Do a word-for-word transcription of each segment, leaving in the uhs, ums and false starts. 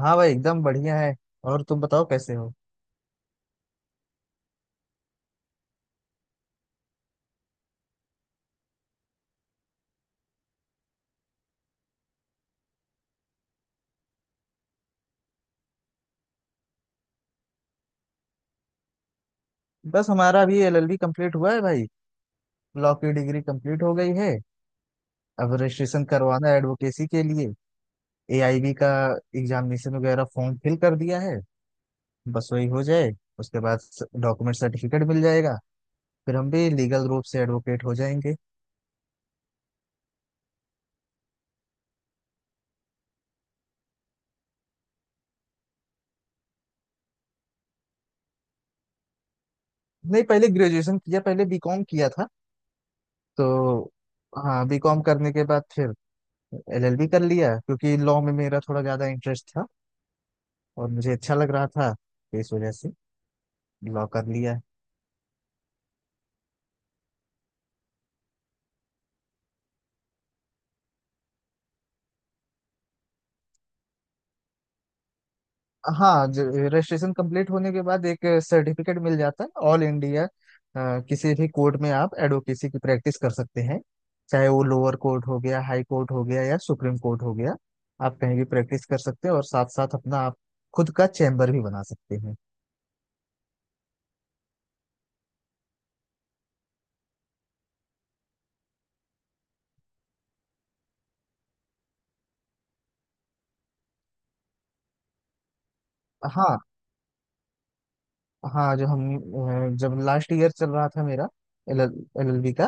हाँ भाई, एकदम बढ़िया है। और तुम बताओ कैसे हो। बस हमारा भी एल एल बी कंप्लीट हुआ है भाई। लॉ की डिग्री कंप्लीट हो गई है। अब रजिस्ट्रेशन करवाना है एडवोकेसी के लिए। ए आई बी का एग्जामिनेशन वगैरह फॉर्म फिल कर दिया है। बस वही हो जाए, उसके बाद डॉक्यूमेंट सर्टिफिकेट मिल जाएगा, फिर हम भी लीगल रूप से एडवोकेट हो जाएंगे। नहीं, पहले ग्रेजुएशन किया, पहले बीकॉम किया था तो। हाँ, बीकॉम करने के बाद फिर एल एल बी कर लिया, क्योंकि लॉ में मेरा थोड़ा ज्यादा इंटरेस्ट था और मुझे अच्छा लग रहा था, इस वजह से लॉक कर लिया है। हाँ, रजिस्ट्रेशन कंप्लीट होने के बाद एक सर्टिफिकेट मिल जाता है, ऑल इंडिया किसी भी कोर्ट में आप एडवोकेसी की प्रैक्टिस कर सकते हैं। चाहे वो लोअर कोर्ट हो गया, हाई कोर्ट हो गया, या सुप्रीम कोर्ट हो गया, आप कहीं भी प्रैक्टिस कर सकते हैं, और साथ साथ अपना आप खुद का चैम्बर भी बना सकते हैं। हाँ हाँ। जो हम अ, जब लास्ट ईयर चल रहा था मेरा एल एल बी का,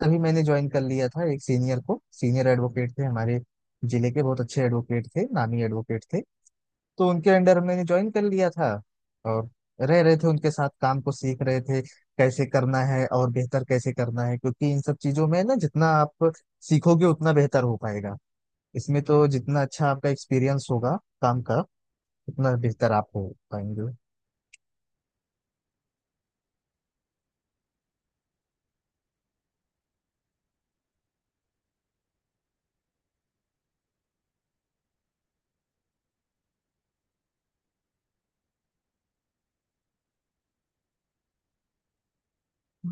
तभी मैंने ज्वाइन कर लिया था एक सीनियर को। सीनियर एडवोकेट थे, हमारे जिले के बहुत अच्छे एडवोकेट थे, नामी एडवोकेट थे। तो उनके अंडर मैंने ज्वाइन कर लिया था, और रह रहे थे उनके साथ, काम को सीख रहे थे कैसे करना है और बेहतर कैसे करना है। क्योंकि इन सब चीजों में ना, जितना आप सीखोगे उतना बेहतर हो पाएगा इसमें। तो जितना अच्छा आपका एक्सपीरियंस होगा काम का, उतना बेहतर आप हो पाएंगे।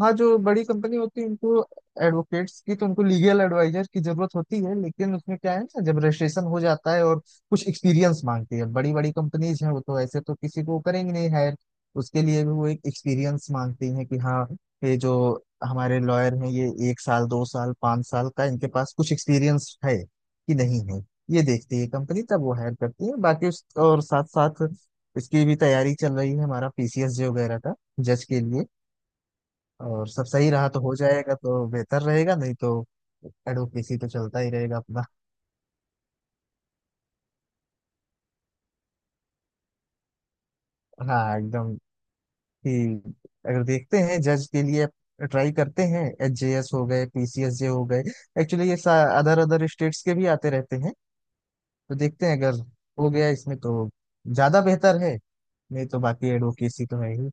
हाँ, जो बड़ी कंपनी होती है, उनको एडवोकेट्स की, तो उनको लीगल एडवाइजर की जरूरत होती है। लेकिन उसमें क्या है ना, जब रजिस्ट्रेशन हो जाता है और कुछ एक्सपीरियंस मांगती है, बड़ी बड़ी कंपनीज हैं वो, तो ऐसे तो किसी को करेंगे नहीं हायर। उसके लिए भी वो एक एक्सपीरियंस मांगती हैं कि हाँ, ये जो हमारे लॉयर हैं, ये एक साल, दो साल, पांच साल का इनके पास कुछ एक्सपीरियंस है कि नहीं है। ये देखती है कंपनी, तब वो हायर करती है। बाकी उस, और साथ साथ इसकी भी तैयारी चल रही है हमारा, पी सी एस जे वगैरह का, जज के लिए। और सब सही रहा तो हो जाएगा, तो बेहतर रहेगा, नहीं तो एडवोकेसी तो चलता ही रहेगा अपना। हाँ एकदम। कि अगर देखते हैं जज के लिए, ट्राई करते हैं, एच जे एस हो गए, पी सी एस जे हो गए। एक्चुअली ये अदर अदर स्टेट्स के भी आते रहते हैं। तो देखते हैं, अगर हो गया इसमें तो ज्यादा बेहतर है, नहीं तो बाकी एडवोकेसी तो है ही।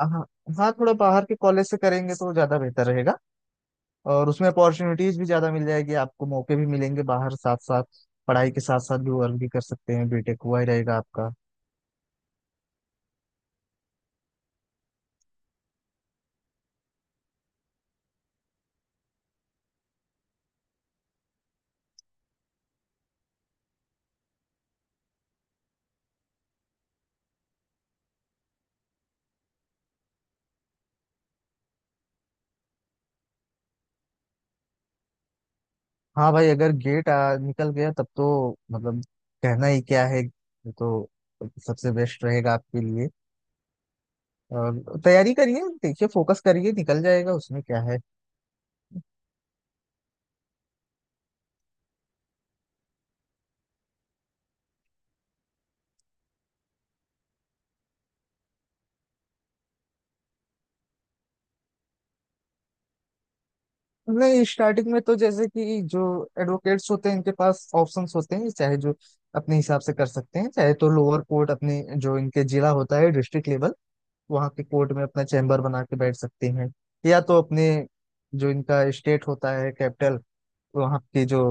हाँ हाँ, थोड़ा बाहर के कॉलेज से करेंगे तो ज्यादा बेहतर रहेगा, और उसमें अपॉर्चुनिटीज भी ज्यादा मिल जाएगी आपको, मौके भी मिलेंगे बाहर। साथ साथ पढ़ाई के साथ साथ भी वर्क भी कर सकते हैं, बीटेक हुआ ही रहेगा आपका। हाँ भाई, अगर गेट आ, निकल गया, तब तो मतलब कहना ही क्या है, ये तो सबसे बेस्ट रहेगा आपके लिए। और तैयारी करिए, देखिए, फोकस करिए, निकल जाएगा उसमें, क्या है। नहीं, स्टार्टिंग में तो जैसे कि जो एडवोकेट्स होते हैं, इनके पास ऑप्शंस होते हैं, चाहे जो अपने हिसाब से कर सकते हैं। चाहे तो लोअर कोर्ट, अपने जो इनके जिला होता है, डिस्ट्रिक्ट लेवल, वहाँ के कोर्ट में अपना चैम्बर बना के बैठ सकती हैं। या तो अपने जो इनका स्टेट होता है, कैपिटल, वहाँ के जो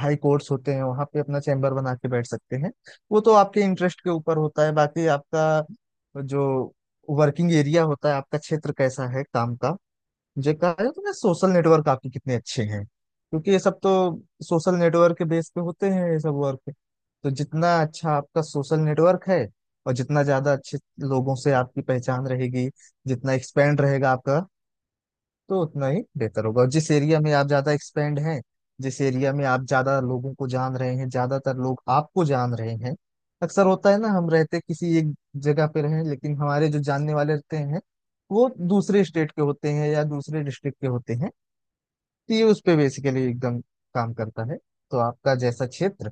हाई कोर्ट्स होते हैं, वहाँ पे अपना चैम्बर बना के बैठ सकते हैं। वो तो आपके इंटरेस्ट के ऊपर होता है। बाकी आपका जो वर्किंग एरिया होता है, आपका क्षेत्र कैसा है काम का, मुझे कहा जाए तो ना, सोशल नेटवर्क आपके कितने अच्छे हैं, क्योंकि ये सब तो सोशल नेटवर्क के बेस पे होते हैं ये सब वर्क। तो जितना अच्छा आपका सोशल नेटवर्क है, और जितना ज्यादा अच्छे लोगों से आपकी पहचान रहेगी, जितना एक्सपेंड रहेगा आपका, तो उतना ही बेहतर होगा। और जिस एरिया में आप ज्यादा एक्सपेंड हैं, जिस एरिया में आप ज्यादा लोगों को जान रहे हैं, ज्यादातर लोग आपको जान रहे हैं। अक्सर होता है ना, हम रहते किसी एक जगह पे रहे, लेकिन हमारे जो जानने वाले रहते हैं, वो दूसरे स्टेट के होते हैं या दूसरे डिस्ट्रिक्ट के होते हैं। तो ये उस पे बेसिकली एकदम काम करता है। तो आपका जैसा क्षेत्र,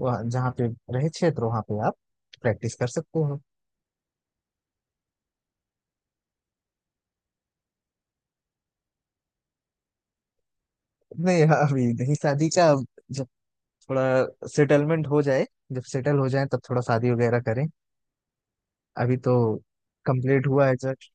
वह जहाँ पे रहे क्षेत्र, वहां पे आप प्रैक्टिस कर सकते हो। नहीं, अभी नहीं शादी का। थोड़ा सेटलमेंट हो जाए, जब सेटल हो जाए तब थोड़ा शादी वगैरह करें। अभी तो कंप्लीट हुआ है जस्ट।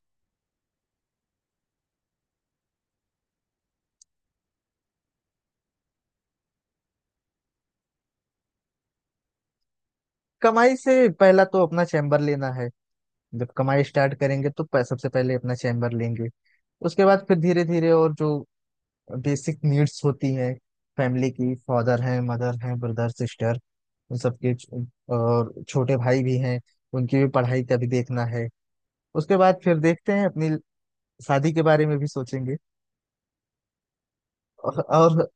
कमाई से पहला तो अपना चैम्बर लेना है। जब कमाई स्टार्ट करेंगे तो प- सबसे पहले अपना चैम्बर लेंगे। उसके बाद फिर धीरे धीरे, और जो बेसिक नीड्स होती हैं, फैमिली की, फादर हैं, मदर हैं, ब्रदर सिस्टर, उन सबके छ- और छोटे भाई भी हैं, उनकी भी पढ़ाई का भी देखना है। उसके बाद फिर देखते हैं, अपनी शादी के बारे में भी सोचेंगे। और, और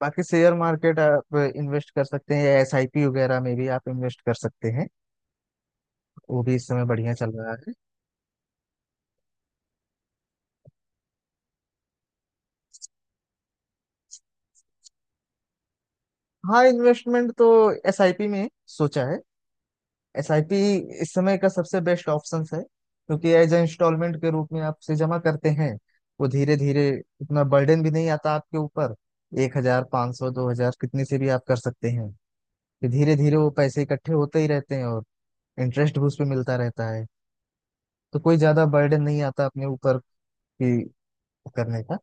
बाकी शेयर मार्केट आप इन्वेस्ट कर सकते हैं, एस आई पी वगैरह में भी आप इन्वेस्ट कर सकते हैं, वो भी इस समय बढ़िया चल रहा है। हाँ, इन्वेस्टमेंट तो एस आई पी में सोचा है। एस आई पी इस समय का सबसे बेस्ट ऑप्शन है, क्योंकि एज ए इंस्टॉलमेंट के रूप में आप से जमा करते हैं वो, धीरे धीरे, इतना बर्डन भी नहीं आता आपके ऊपर। एक हजार, पाँच सौ, दो हजार, कितने से भी आप कर सकते हैं। फिर धीरे धीरे वो पैसे इकट्ठे होते ही रहते हैं, और इंटरेस्ट भी उस पर मिलता रहता है। तो कोई ज्यादा बर्डन नहीं आता अपने ऊपर कि करने का।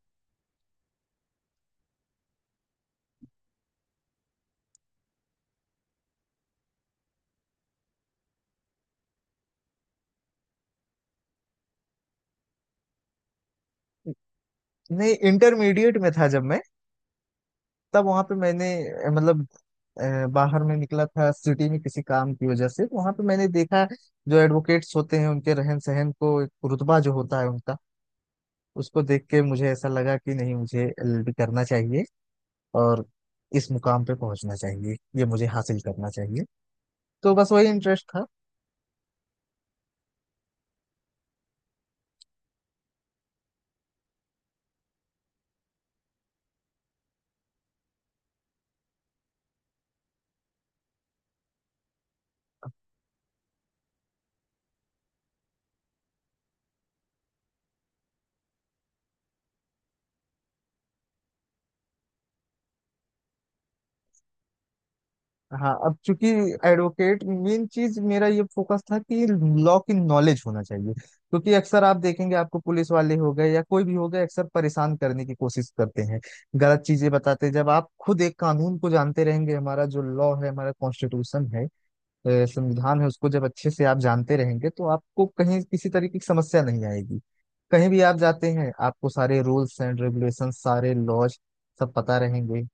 नहीं, इंटरमीडिएट में था जब मैं, तब वहां पे मैंने, अ, मतलब अ, बाहर में निकला था सिटी में, किसी काम की वजह से वहां पे मैंने देखा जो एडवोकेट्स होते हैं उनके रहन सहन को, एक रुतबा जो होता है उनका, उसको देख के मुझे ऐसा लगा कि नहीं, मुझे एल एल बी करना चाहिए और इस मुकाम पे पहुंचना चाहिए, ये मुझे हासिल करना चाहिए। तो बस वही इंटरेस्ट था। हाँ, अब चूंकि एडवोकेट मेन चीज, मेरा ये फोकस था कि लॉ की नॉलेज होना चाहिए, क्योंकि अक्सर आप देखेंगे आपको, पुलिस वाले हो गए या कोई भी हो गए, अक्सर परेशान करने की कोशिश करते हैं, गलत चीजें बताते हैं। जब आप खुद एक कानून को जानते रहेंगे, हमारा जो लॉ है, हमारा कॉन्स्टिट्यूशन है, अ, संविधान है, उसको जब अच्छे से आप जानते रहेंगे तो आपको कहीं किसी तरीके की समस्या नहीं आएगी। कहीं भी आप जाते हैं, आपको सारे रूल्स एंड रेगुलेशन, सारे लॉज सब पता रहेंगे।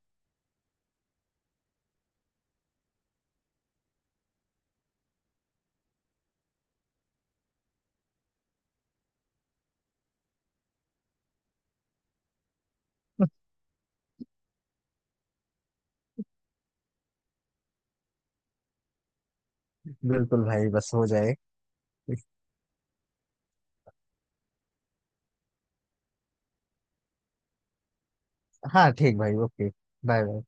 बिल्कुल भाई, बस हो जाए। हाँ, ठीक भाई, ओके। Bye bye.